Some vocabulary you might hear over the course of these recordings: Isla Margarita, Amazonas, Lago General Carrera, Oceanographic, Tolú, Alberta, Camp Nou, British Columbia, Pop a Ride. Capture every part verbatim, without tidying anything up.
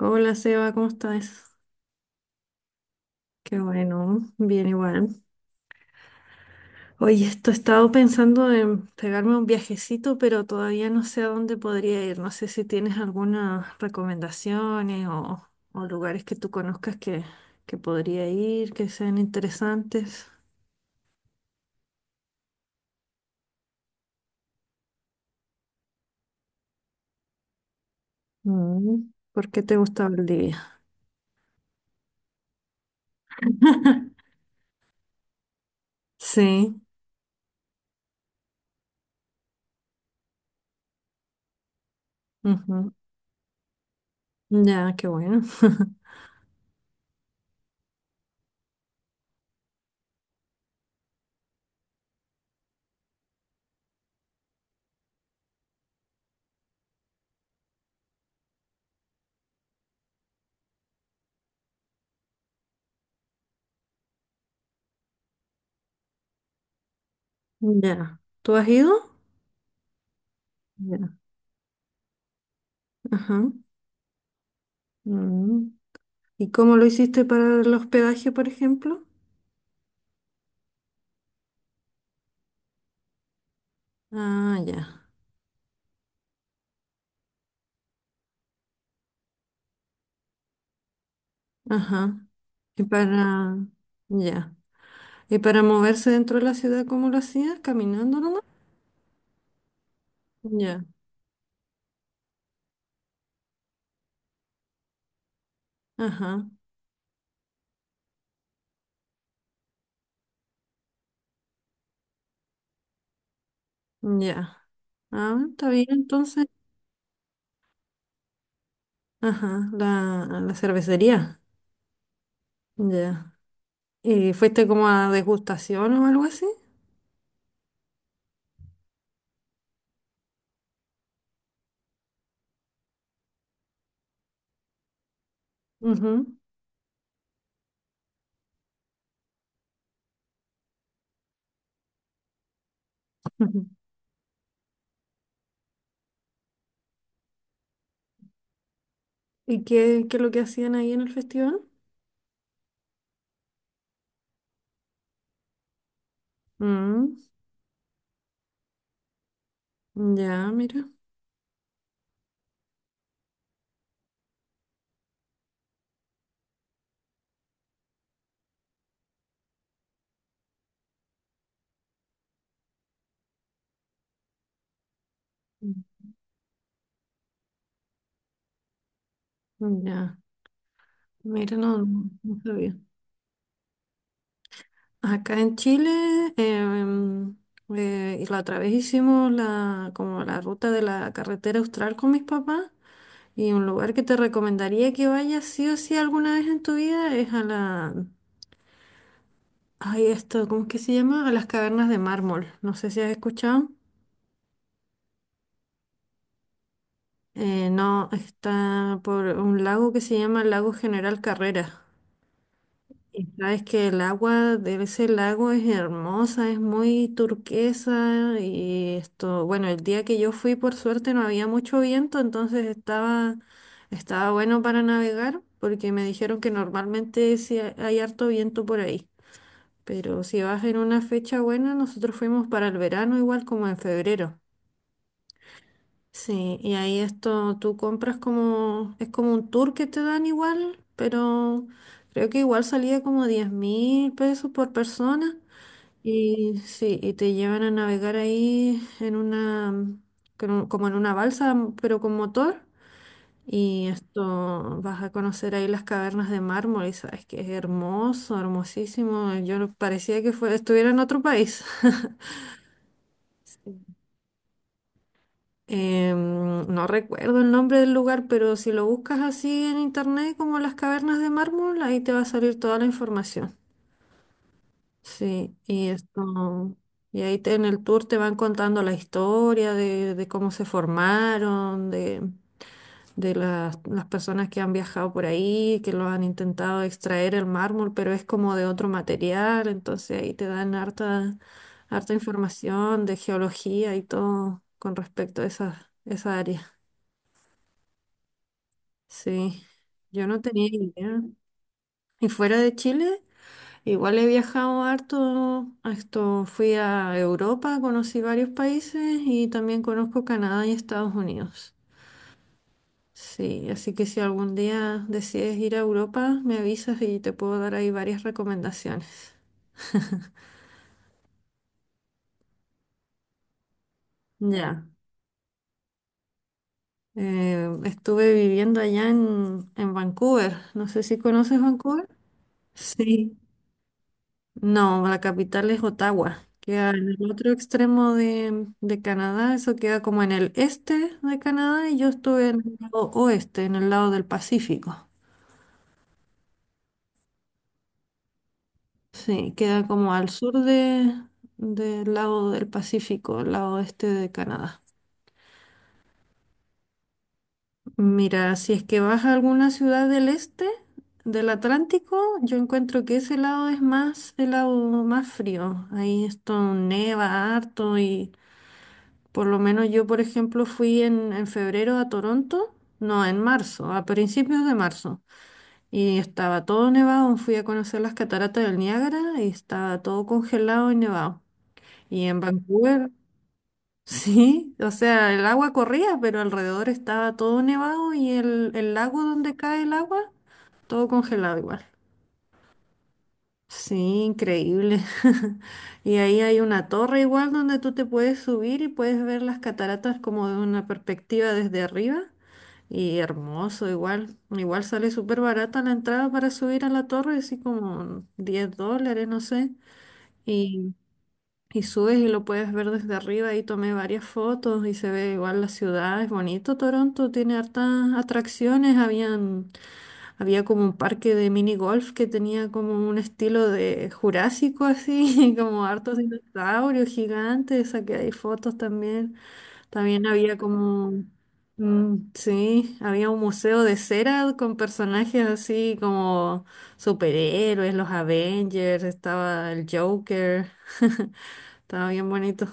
Hola Seba, ¿cómo estás? Qué bueno, bien igual. Oye, esto he estado pensando en pegarme un viajecito, pero todavía no sé a dónde podría ir. No sé si tienes algunas recomendaciones o, o lugares que tú conozcas que, que podría ir, que sean interesantes. Mm, ¿Por qué te gusta Bolivia? Sí, ujú. Ya, qué bueno. Ya. ¿Tú has ido? Ya. Ajá. Mm. ¿Y cómo lo hiciste para el hospedaje, por ejemplo? Ah, ya. Ajá. Y para... Ya. ¿Y para moverse dentro de la ciudad, cómo lo hacías? ¿Caminando nomás? Ya. Ajá. Ya. Ah, está bien, entonces. Ajá. La, a la cervecería. Ya. ¿Y fuiste como a degustación o algo así? Ujú. Ujú. ¿Y qué, qué es lo que hacían ahí en el festival? Mm, ya, mira. Mm, ya. Mira, no, no no sabía. Acá en Chile, em, eh, y la otra vez hicimos la, como la ruta de la carretera austral con mis papás y un lugar que te recomendaría que vayas sí o sí alguna vez en tu vida es a la, ay, esto, ¿cómo es que se llama? A las cavernas de mármol. No sé si has escuchado. Eh, no, está por un lago que se llama Lago General Carrera. Y sabes que el agua de ese lago es hermosa, es muy turquesa y esto, bueno, el día que yo fui por suerte no había mucho viento, entonces estaba, estaba bueno para navegar porque me dijeron que normalmente sí ha- hay harto viento por ahí, pero si vas en una fecha buena, nosotros fuimos para el verano igual como en febrero. Sí, y ahí esto tú compras como, es como un tour que te dan igual, pero creo que igual salía como diez mil pesos por persona. Y sí, y te llevan a navegar ahí en una, con un- como en una balsa, pero con motor. Y esto, vas a conocer ahí las cavernas de mármol y sabes que es hermoso, hermosísimo. Yo no, parecía que fue, estuviera en otro país. Em, no recuerdo el nombre del lugar, pero si lo buscas así en internet como las cavernas de mármol, ahí te va a salir toda la información. Sí, y esto, y ahí te- en el tour te van contando la historia de, de cómo se formaron, de, de las, las personas que han viajado por ahí, que lo han intentado extraer el mármol, pero es como de otro material, entonces ahí te dan harta, harta información de geología y todo con respecto a esa, esa área. Sí, yo no tenía idea. Y fuera de Chile, igual he viajado harto. A Esto, fui a Europa, conocí varios países y también conozco Canadá y Estados Unidos. Sí, así que si algún día decides ir a Europa, me avisas y te puedo dar ahí varias recomendaciones. Ya. Eh, estuve viviendo allá en, en Vancouver. No sé si conoces Vancouver. Sí. No, la capital es Ottawa. Queda en el otro extremo de, de Canadá. Eso queda como en el este de Canadá y yo estuve en el lado oeste, en el lado del Pacífico. Sí, queda como al sur de, del lado del Pacífico, el lado este de Canadá. Mira, si es que vas a alguna ciudad del este, del Atlántico, yo encuentro que ese lado es más, el lado más frío. Ahí esto neva harto y... Por lo menos yo, por ejemplo, fui en, en febrero a Toronto, no, en marzo, a principios de marzo, y estaba todo nevado, fui a conocer las cataratas del Niágara y estaba todo congelado y nevado. Y en Vancouver, sí, o sea, el agua corría, pero alrededor estaba todo nevado y el, el lago donde cae el agua, todo congelado igual. Sí, increíble. Y ahí hay una torre igual donde tú te puedes subir y puedes ver las cataratas como de una perspectiva desde arriba. Y hermoso, igual, igual sale súper barata la entrada para subir a la torre, así como diez dólares, no sé. Y, y subes y lo puedes ver desde arriba y tomé varias fotos y se ve igual la ciudad, es bonito Toronto, tiene hartas atracciones, habían, había como un parque de mini golf que tenía como un estilo de jurásico así, como hartos dinosaurios gigantes, saqué ahí fotos también. También había como, mm, sí, había un museo de cera con personajes así como superhéroes, los Avengers, estaba el Joker, estaba bien bonito.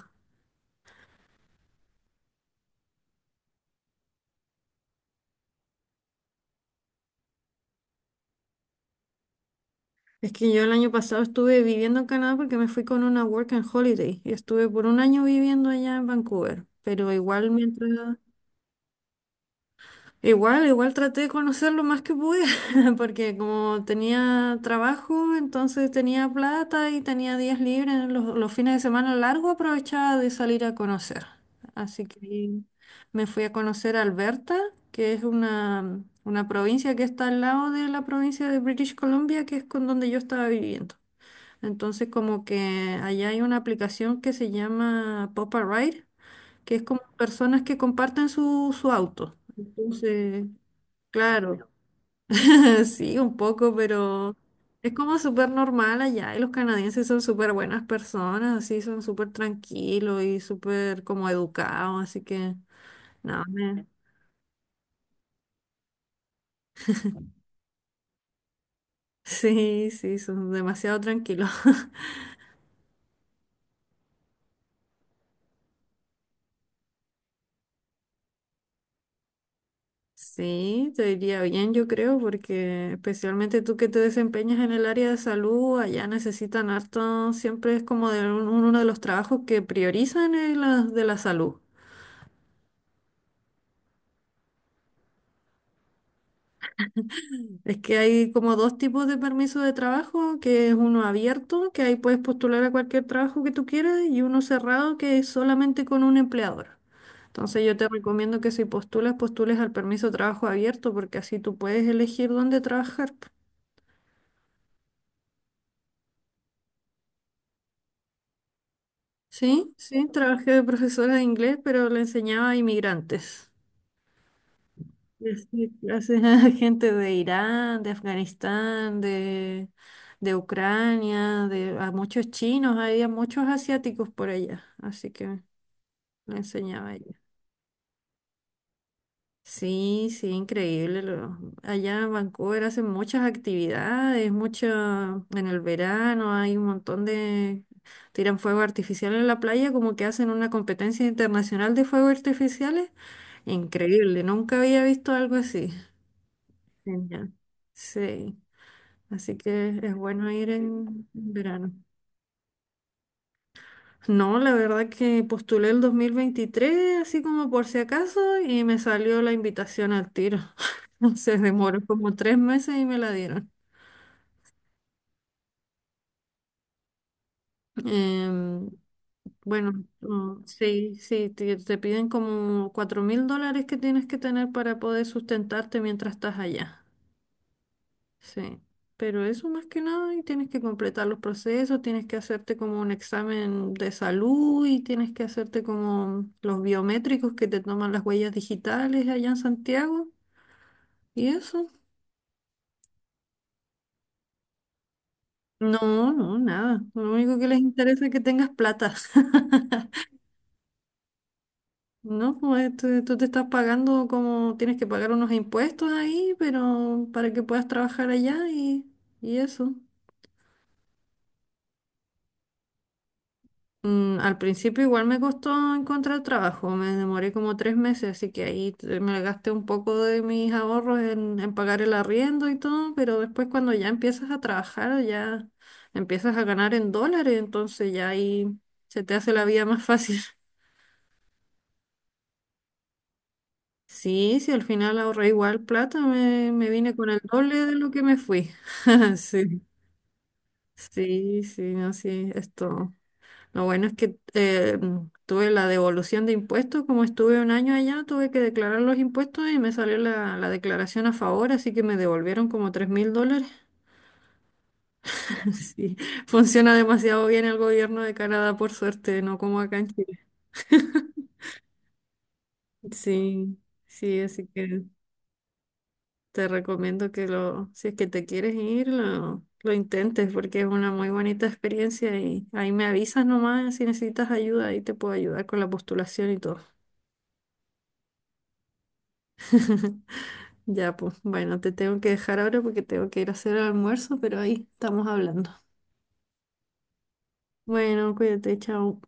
Es que yo el año pasado estuve viviendo en Canadá porque me fui con una work and holiday y estuve por un año viviendo allá en Vancouver, pero igual mientras. Igual, igual traté de conocer lo más que pude, porque como tenía trabajo, entonces tenía plata y tenía días libres, los, los fines de semana largo aprovechaba de salir a conocer. Así que me fui a conocer Alberta, que es una, una provincia que está al lado de la provincia de British Columbia, que es con donde yo estaba viviendo. Entonces como que allá hay una aplicación que se llama Pop a Ride, que es como personas que comparten su, su auto. Entonces. Claro, sí, un poco, pero es como súper normal allá y los canadienses son súper buenas personas, así son súper tranquilos y súper como educados, así que no, me- sí, sí, son demasiado tranquilos. Sí, te diría bien, yo creo, porque especialmente tú que te desempeñas en el área de salud, allá necesitan harto, siempre es como de un- uno de los trabajos que priorizan es la- de la salud. Es que hay como dos tipos de permiso de trabajo, que es uno abierto, que ahí puedes postular a cualquier trabajo que tú quieras, y uno cerrado, que es solamente con un empleador. Entonces yo te recomiendo que si postulas, postules al permiso de trabajo abierto, porque así tú puedes elegir dónde trabajar. Sí, sí, trabajé de profesora de inglés, pero le enseñaba a inmigrantes. Sí, clase, gente de Irán, de Afganistán, de, de, Ucrania, de a muchos chinos, había muchos asiáticos por allá, así que me enseñaba ella. Sí, sí, increíble. Lo- allá en Vancouver hacen muchas actividades, mucho en el verano hay un montón de... Tiran fuego artificial en la playa, como que hacen una competencia internacional de fuegos artificiales. Increíble, nunca había visto algo así. Genial. Sí. Así que es bueno ir en verano. No, la verdad que postulé el dos mil veintitrés así como por si acaso y me salió la invitación al tiro. Se demoró como tres meses y me la dieron. Em, bueno, mm, sí, sí, te, te piden como cuatro mil dólares que tienes que tener para poder sustentarte mientras estás allá. Sí, pero eso más que nada, y tienes que completar los procesos, tienes que hacerte como un examen de salud y tienes que hacerte como los biométricos que te toman las huellas digitales allá en Santiago y eso. No, no, nada. Lo único que les interesa es que tengas plata. No, pues tú, tú te estás pagando como tienes que pagar unos impuestos ahí, pero para que puedas trabajar allá y, y eso. Mm, al principio igual me costó encontrar trabajo, me demoré como tres meses, así que ahí te- me gasté un poco de mis ahorros en, en pagar el arriendo y todo, pero después cuando ya empiezas a trabajar, ya empiezas a ganar en dólares, entonces ya ahí se te hace la vida más fácil. Sí, sí, al final ahorré igual plata, me, me vine con el doble de lo que me fui. Sí, sí, sí, no, sí, esto. Lo bueno es que eh, tuve la devolución de impuestos, como estuve un año allá, tuve que declarar los impuestos y me salió la, la declaración a favor, así que me devolvieron como tres mil dólares. Sí, funciona demasiado bien el gobierno de Canadá, por suerte, no como acá en Chile. Sí, sí, así que te recomiendo que lo, si es que te quieres ir, lo, lo intentes porque es una muy bonita experiencia y ahí me avisas nomás si necesitas ayuda, ahí te puedo ayudar con la postulación y todo. Ya, pues bueno, te tengo que dejar ahora porque tengo que ir a hacer el almuerzo, pero ahí estamos hablando. Bueno, cuídate, chao.